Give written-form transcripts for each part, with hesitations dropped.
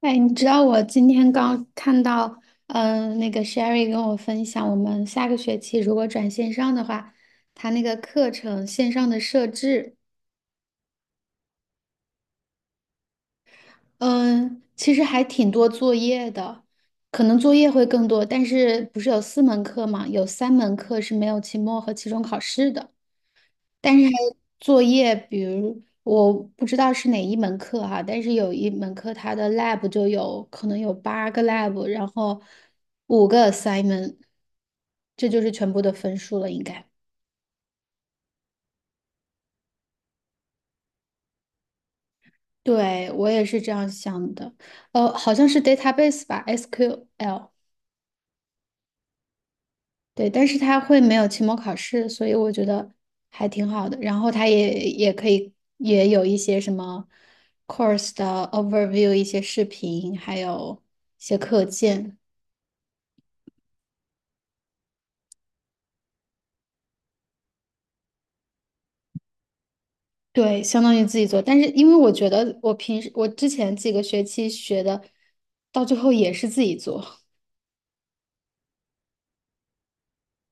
哎，你知道我今天刚看到，那个 Sherry 跟我分享，我们下个学期如果转线上的话，他那个课程线上的设置，嗯、其实还挺多作业的，可能作业会更多，但是不是有四门课嘛？有三门课是没有期末和期中考试的。但是还有作业，比如我不知道是哪一门课哈、但是有一门课它的 lab 就有可能有八个 lab，然后五个 assignment，这就是全部的分数了，应该。对，我也是这样想的，好像是 database 吧，SQL。对，但是他会没有期末考试，所以我觉得还挺好的。然后他也可以也有一些什么 course 的 overview，一些视频，还有一些课件。对，相当于自己做。但是因为我觉得我平时我之前几个学期学的，到最后也是自己做，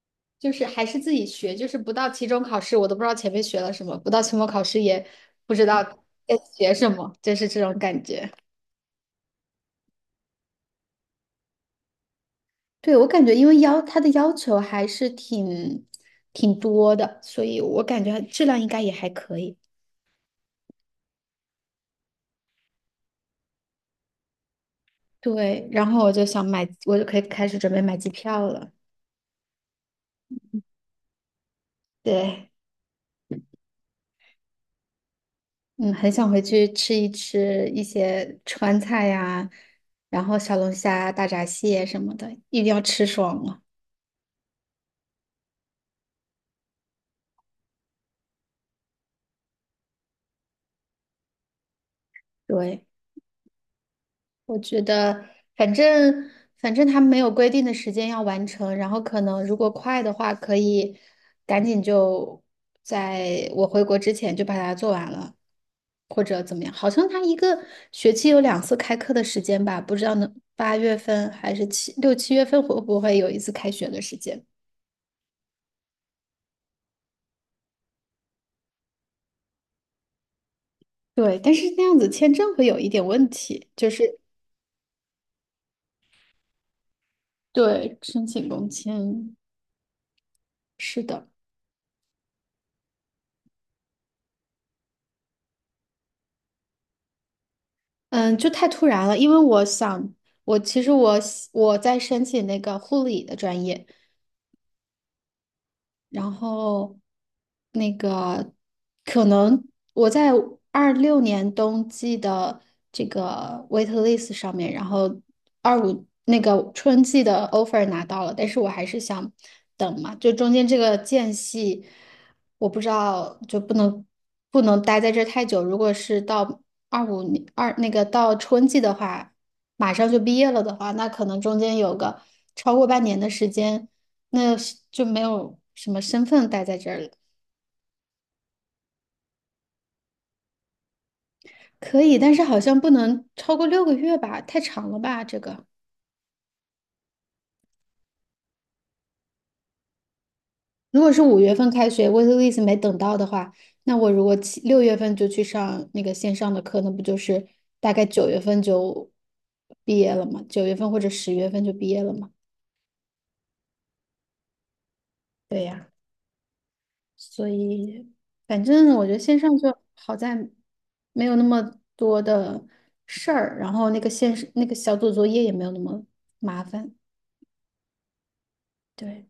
就是还是自己学，就是不到期中考试我都不知道前面学了什么，不到期末考试也不知道在学什么，就是这种感觉。对，我感觉，因为要它的要求还是挺多的，所以我感觉质量应该也还可以。对，然后我就想买，我就可以开始准备买机票了。对，嗯，很想回去吃一吃一些川菜呀，然后小龙虾、大闸蟹什么的，一定要吃爽了。对，我觉得，反正反正他没有规定的时间要完成，然后可能如果快的话，可以赶紧就在我回国之前就把它做完了，或者怎么样？好像他一个学期有两次开课的时间吧，不知道能八月份还是七六七月份会不会有一次开学的时间？对，但是那样子签证会有一点问题，就是对申请工签，是的。嗯，就太突然了，因为我想，我其实我喜我在申请那个护理的专业，然后那个可能我在26年冬季的这个 waitlist 上面，然后25那个春季的 offer 拿到了，但是我还是想等嘛，就中间这个间隙，我不知道就不能待在这儿太久。如果是到25年二那个到春季的话，马上就毕业了的话，那可能中间有个超过半年的时间。那是就没有什么身份待在这儿了。可以，但是好像不能超过六个月吧，太长了吧？这个，如果是五月份开学，waitlist 没等到的话，那我如果七六月份就去上那个线上的课，那不就是大概九月份就毕业了吗？九月份或者十月份就毕业了吗？对呀，所以反正我觉得线上就好在没有那么多的事儿，然后那个线那个小组作业也没有那么麻烦。对。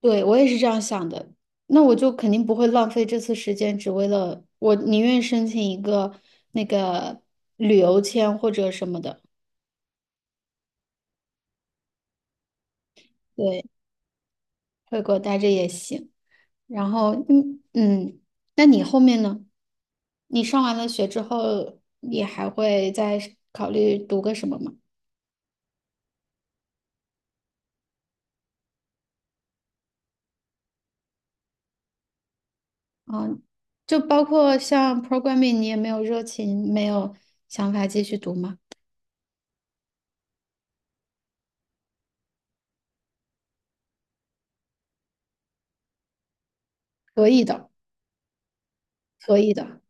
对，我也是这样想的。那我就肯定不会浪费这次时间，只为了我宁愿申请一个那个旅游签或者什么的，对，回国待着也行。然后，嗯嗯，那你后面呢？你上完了学之后，你还会再考虑读个什么吗？啊，就包括像 programming，你也没有热情，没有想法继续读吗？可以的，可以的。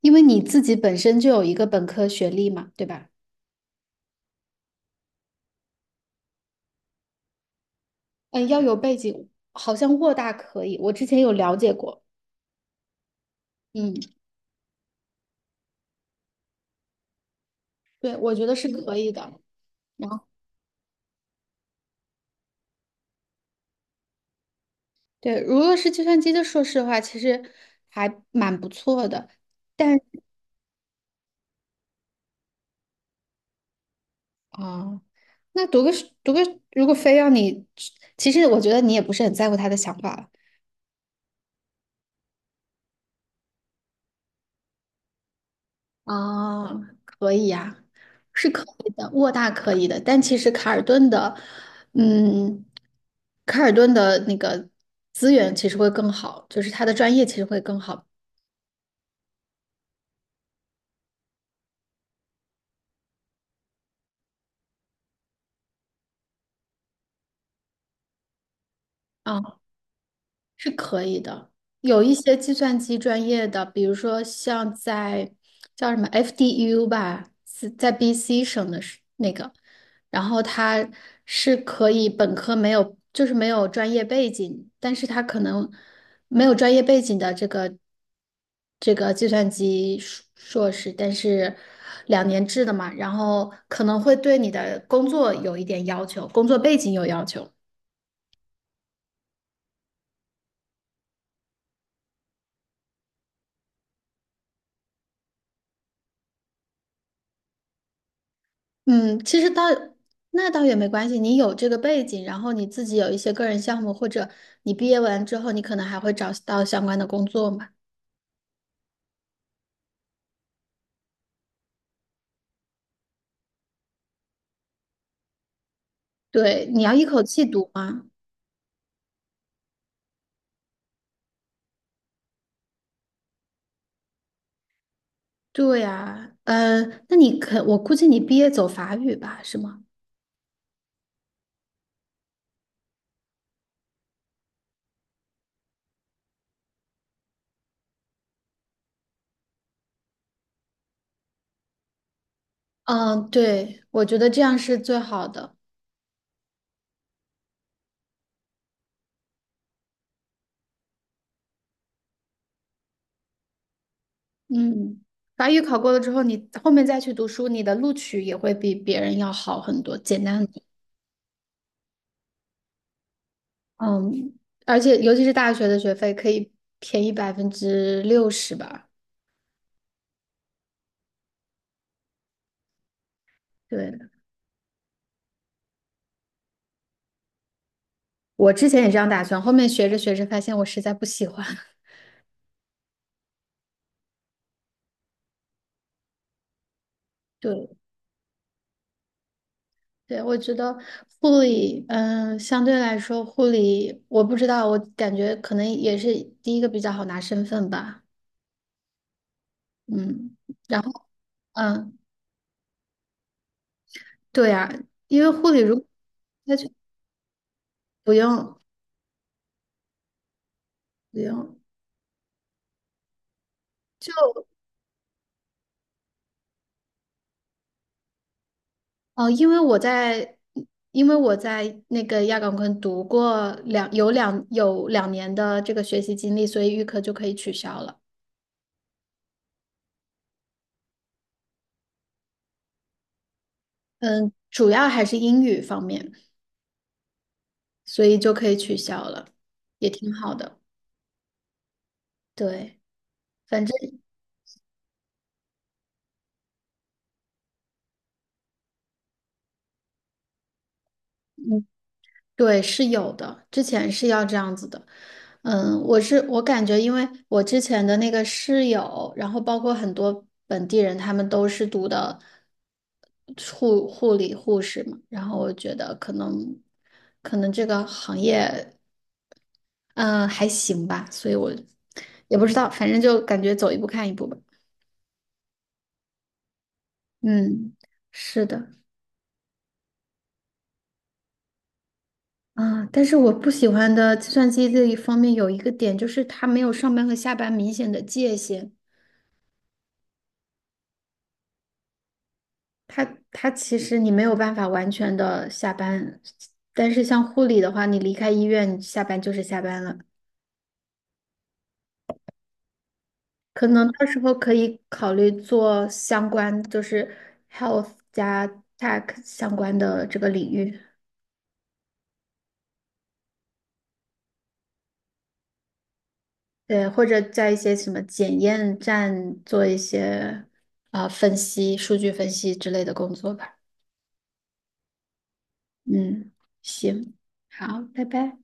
因为你自己本身就有一个本科学历嘛，对吧？嗯，要有背景，好像沃大可以，我之前有了解过。嗯，对，我觉得是可以的。然后，对，如果是计算机的硕士的话，其实还蛮不错的。但啊、那读个，如果非要你，其实我觉得你也不是很在乎他的想法哦，可以呀，是可以的，沃大可以的，但其实卡尔顿的，嗯，卡尔顿的那个资源其实会更好，就是他的专业其实会更好。啊。是可以的。有一些计算机专业的，比如说像在叫什么 FDU 吧，是在 BC 省的是那个，然后他是可以本科没有，就是没有专业背景，但是他可能没有专业背景的这个这个计算机硕士，但是两年制的嘛，然后可能会对你的工作有一点要求，工作背景有要求。嗯，其实倒那倒也没关系，你有这个背景，然后你自己有一些个人项目，或者你毕业完之后，你可能还会找到相关的工作嘛。对，你要一口气读吗？对呀，那你可，我估计你毕业走法语吧，是吗？嗯，对，我觉得这样是最好的。嗯，法语考过了之后，你后面再去读书，你的录取也会比别人要好很多，简单。嗯，而且尤其是大学的学费可以便宜60%吧。对，我之前也这样打算，后面学着学着发现我实在不喜欢。对，对，我觉得护理，相对来说护理，我不知道，我感觉可能也是第一个比较好拿身份吧。嗯，然后嗯，对呀、因为护理如果他去不用不用。就。哦，因为我在，因为我在那个亚岗昆读过两年的这个学习经历，所以预科就可以取消了。嗯，主要还是英语方面，所以就可以取消了，也挺好的。对，反正。对，是有的，之前是要这样子的。嗯，我是我感觉，因为我之前的那个室友，然后包括很多本地人，他们都是读的护理护士嘛，然后我觉得可能这个行业，嗯，还行吧，所以我也不知道，反正就感觉走一步看一步吧。嗯，是的，啊，但是我不喜欢的计算机这一方面有一个点，就是它没有上班和下班明显的界限。它它其实你没有办法完全的下班，但是像护理的话，你离开医院，你下班就是下班了。可能到时候可以考虑做相关，就是 health 加 tech 相关的这个领域，对，或者在一些什么检验站做一些分析、数据分析之类的工作吧。嗯，行，好，拜拜。